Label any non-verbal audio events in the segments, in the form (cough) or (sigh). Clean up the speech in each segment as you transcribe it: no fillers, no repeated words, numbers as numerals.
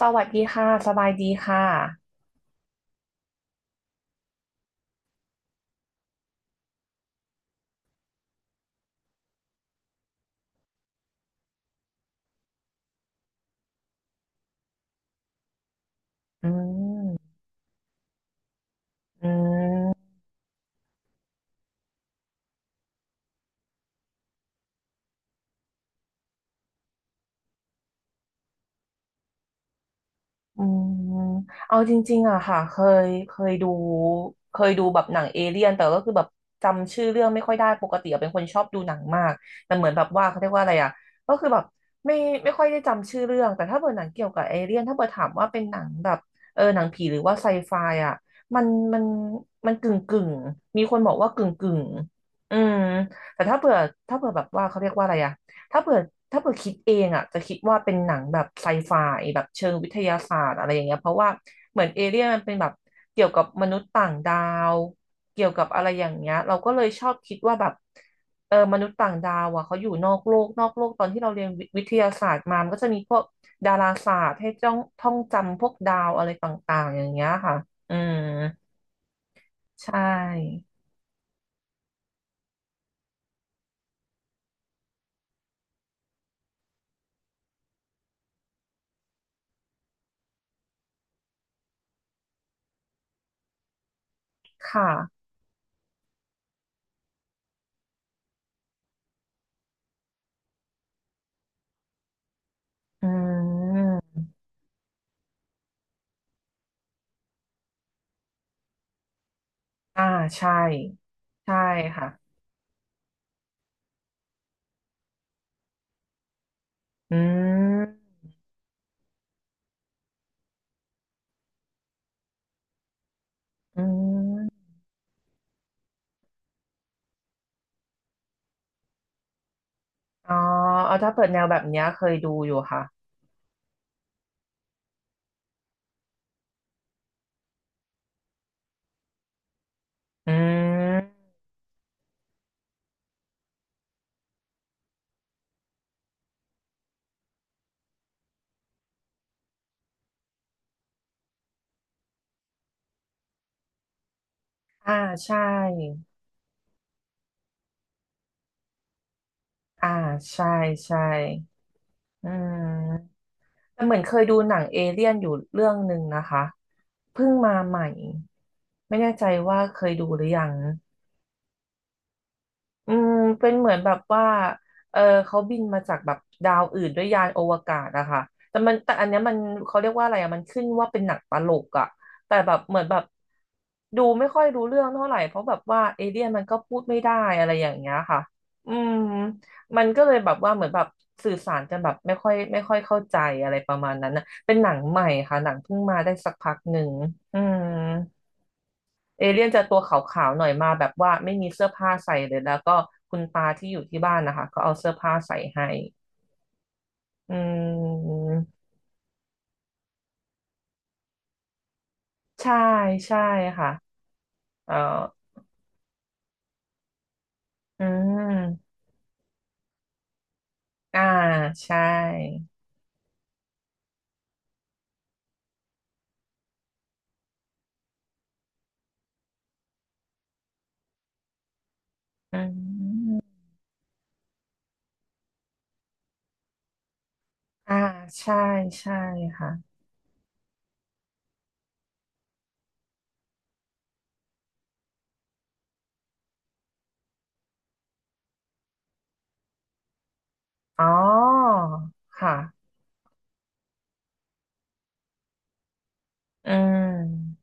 สวัสดีค่ะสบายดีค่ะอืมอืมอืมเอาจริงๆอะค่ะเคยดูเคยดูแบบหนังเอเลี่ยนแต่ก็คือแบบจำชื่อเรื่องไม่ค่อยได้ปกติอะเป็นคนชอบดูหนังมากแต่เหมือนแบบว่าเขาเรียกว่าอะไรอะก็คือแบบไม่ไม่ค่อยได้จำชื่อเรื่องแต่ถ้าเปิดหนังเกี่ยวกับเอเลี่ยนถ้าเปิดถามว่าเป็นหนังแบบเออหนังผีหรือว่าไซไฟอะมันมันมันกึ่งกึ่งมีคนบอกว่ากึ่งกึ่งอืมแต่ถ้าเผื่อแบบว่าเขาเรียกว่าอะไรอะ ถ้าเผื่อถ้าเผื่อคิดเองอ่ะจะคิดว่าเป็นหนังแบบไซไฟแบบเชิงวิทยาศาสตร์อะไรอย่างเงี้ยเพราะว่าเหมือนเอเลี่ยนมันเป็นแบบเกี่ยวกับมนุษย์ต่างดาวเกี่ยวกับอะไรอย่างเงี้ยเราก็เลยชอบคิดว่าแบบเออมนุษย์ต่างดาวอ่ะเขาอยู่นอกโลกนอกโลกตอนที่เราเรียนวิทยาศาสตร์มามันก็จะมีพวกดาราศาสตร์ให้จ้องท่องจำพวกดาวอะไรต่างๆอย่างเงี้ยค่ะอืมใช่ค่ะอืมอ่าใช่ใช่ค่ะอืม อืมอ๋อเอาถ้าเปิดแนวแบบเนี้ยเคยดูอยู่ค่ะอืมอ่าใช่อ่าใช่ใช่อืมแต่เหมือนเคยดูหนังเอเลี่ยนอยู่เรื่องหนึ่งนะคะเพิ่งมาใหม่ไม่แน่ใจว่าเคยดูหรือยัง อืมเป็นเหมือนแบบว่าเออเขาบินมาจากแบบดาวอื่นด้วยยานอวกาศอะค่ะแต่มันแต่อันเนี้ยมันเขาเรียกว่าอะไรอะมันขึ้นว่าเป็นหนังตลกอะแต่แบบเหมือนแบบดูไม่ค่อยรู้เรื่องเท่าไหร่เพราะแบบว่าเอเลี่ยนมันก็พูดไม่ได้อะไรอย่างเงี้ยค่ะอืมมันก็เลยแบบว่าเหมือนแบบสื่อสารกันแบบไม่ค่อยเข้าใจอะไรประมาณนั้นนะเป็นหนังใหม่ค่ะหนังเพิ่งมาได้สักพักหนึ่งอืม เอเลี่ยนจะตัวขาวๆหน่อยมาแบบว่าไม่มีเสื้อผ้าใส่เลยแล้วก็คุณตาที่อยู่ที่บ้านนะคะก็เอาเสื้อผ้าใส่ให้อืมใช่ใช่ค่ะเอออืมอ่าใช่อืมอ่าใช่ใช่ค่ะอ๋อค่ะอืม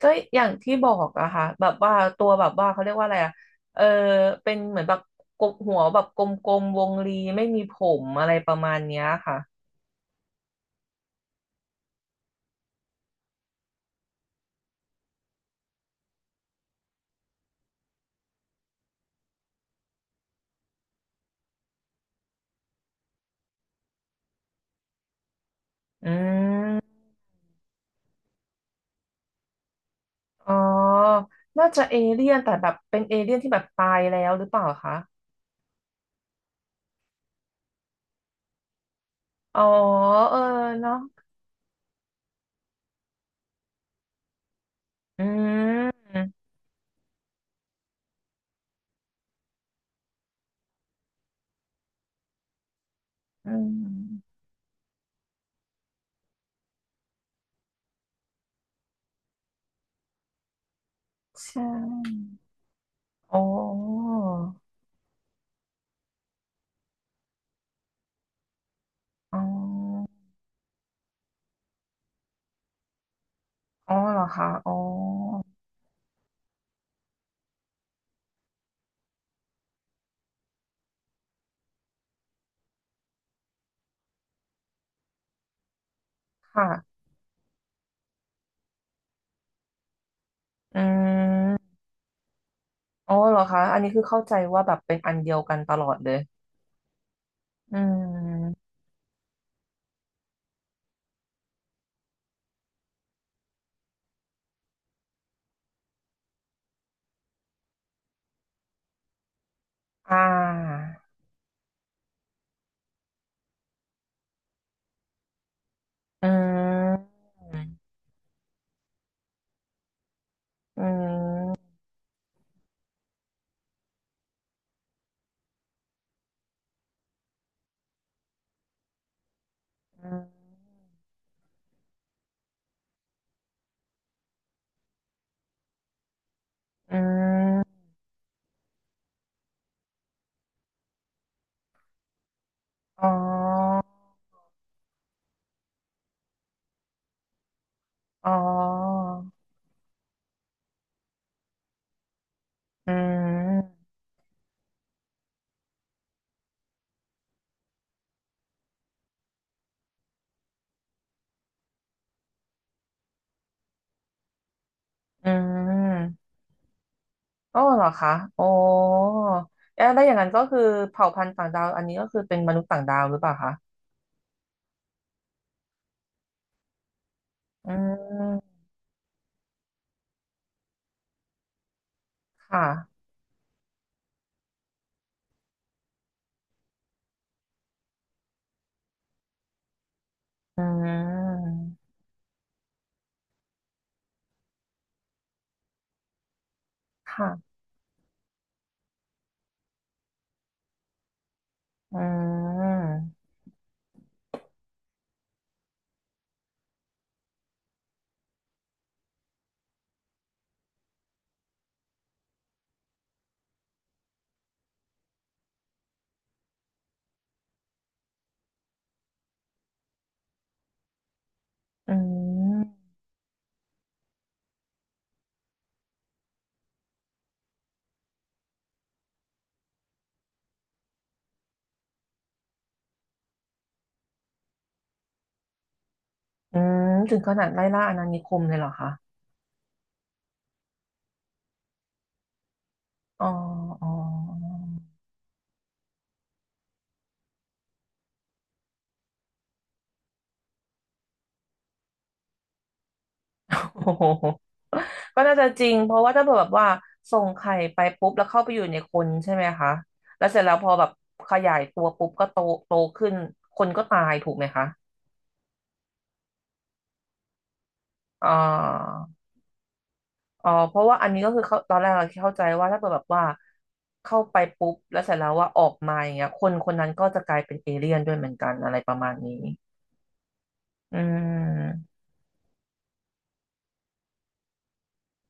ก็อย่างที่บอกอะค่ะแบบว่าตัวแบบว่าเขาเรียกว่าอะไรอะเออเป็นเหมือนแบบกบหัวแบบกลมๆวงรีไม่มีผมอะไรประมาณเนี้ยค่ะ อืมอ๋อน่าจะเอเลี่ยนแต่แบบเป็นเอเลี่ยนที่แบบตายแล้วหรือเปล่าคะอ๋อเออเนาะอืมอืมใช่อ๋ออ๋ออ๋อเหรอคะอ๋อค่ะอืมอ๋อเหรอคะ อันนี้คือเข้าใจว่าแบบเป็นอันเดียวกันตลอดเลยอืมอ่าอืมอืมอืมอืมอ๋อ อ๋ออืมอืมโอ้เหรอคะโอ้เอ๊ะแล้วอย่างนั้นก็คือเผ่าพันธุ์ต่างดาวอันนี้ก็คือเป็นมนุษย์ต่างดาวหรือเปล่าคะอืมค่ะอืมค่ะอืมอืมอืมถึงขนาดไล่ล่าอาณานิคมเลยเหรอคะ อ๋อ อ๋อ (laughs) โอ้โหก็น่าจะจริงเพราะว่าถ้าเผื่อแบบว่าส่งไข่ไปปุ๊บแล้วเข้าไปอยู่ในคนใช่ไหมคะแล้วเสร็จแล้วพอแบบขยายตัวปุ๊บก็โตโตขึ้นคนก็ตายถูกไหมคะอ่าอ๋อเพราะว่าอันนี้ก็คือเขาตอนแรกเราเข้าใจว่าถ้าเกิดแบบว่าเข้าไปปุ๊บแล้วเสร็จแล้วว่าออกมาอย่างเงี้ยคนคนนั้นก็จะกลายเป็นเอเลี่ยนด้วยเหมือนกันอะไรประมาณนี้อืม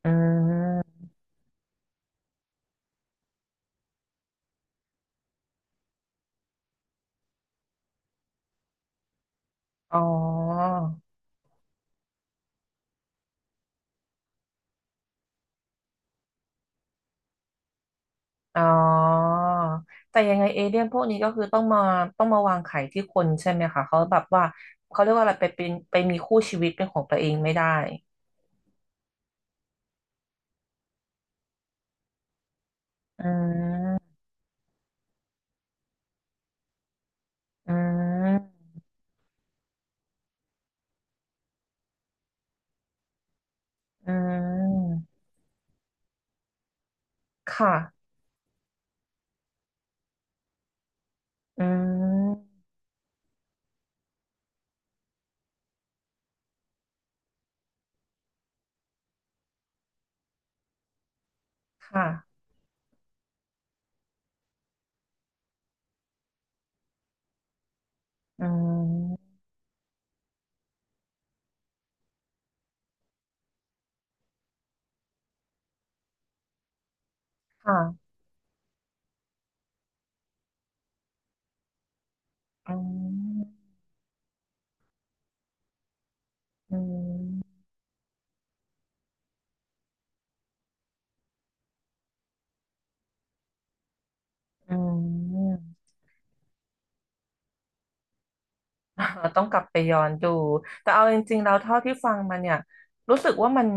อืมอ๋อ อ๋อ แต่ยังไงเอเลี่ยนพวกนี้ก็คือต้องมาวางไข่ที่คนใช่ไหมคะเขาแบบว่าเขาเรียกว่าอะไรไปเป็นไปมีคู่ชีวิตเป็นของตัวเองไม่ได้ อืม อืม อืม ค่ะ อืม ค่ะ อืม ค่ะ อืม อืม อืม อ่าต้องกลับไปย้อนดู แต่เอาจริงๆแล้วเท่าที่ฟังมาเนี่ยรู้สึกว่ามัน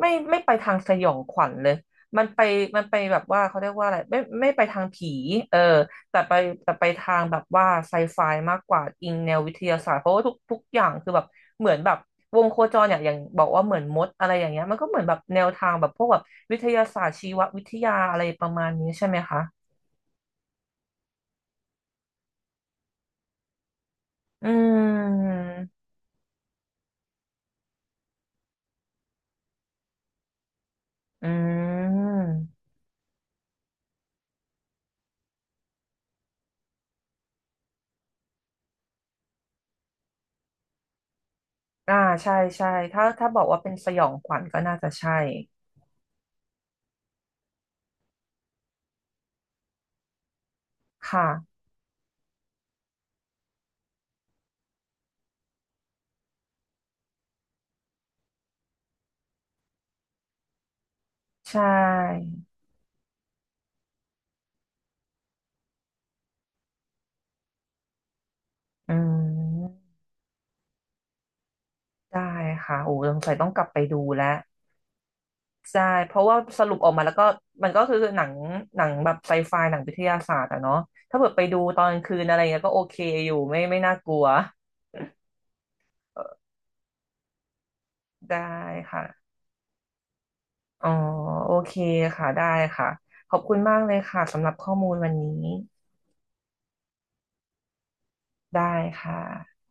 ไม่ไม่ไปทางสยองขวัญเลยมันไปมันไปแบบว่าเขาเรียกว่าอะไรไม่ไม่ไปทางผีเออแต่ไปแต่ไปทางแบบว่าไซไฟมากกว่าอิงแนววิทยาศาสตร์เพราะว่าทุกอย่างคือแบบเหมือนแบบวงโคจรอย่างอย่างบอกว่าเหมือนมดอะไรอย่างเงี้ยมันก็เหมือนแบบแนวทางแบบพวกแบบวิทยาศาสตร์ชีววิทยาอะไรประมาณนี้ใช่ไหมคะอืมอืม อ่าใช่ใช่ถ้าถ้าบอกว่าเป็นสยองขวัญก็น่าจะใช่ค่ะใช่อืมได้ค่ะโอ้สงสัยต้องกลับไปดูแล้วใช่เพราะว่าสรุปออกมาแล้วก็มันก็คือหนังหนังแบบไซไฟหนังวิทยาศาสตร์อะเนาะถ้าเกิดไปดูตอนกลางคืนอะไรเงี้ยก็โอเคอยู่ไม่ไม่น่ากลัวเออได้ค่ะอ๋อโอเคค่ะได้ค่ะขอบคุณมากเลยค่ะสำหรับข้อมูลวันนี้ได้ค่ะ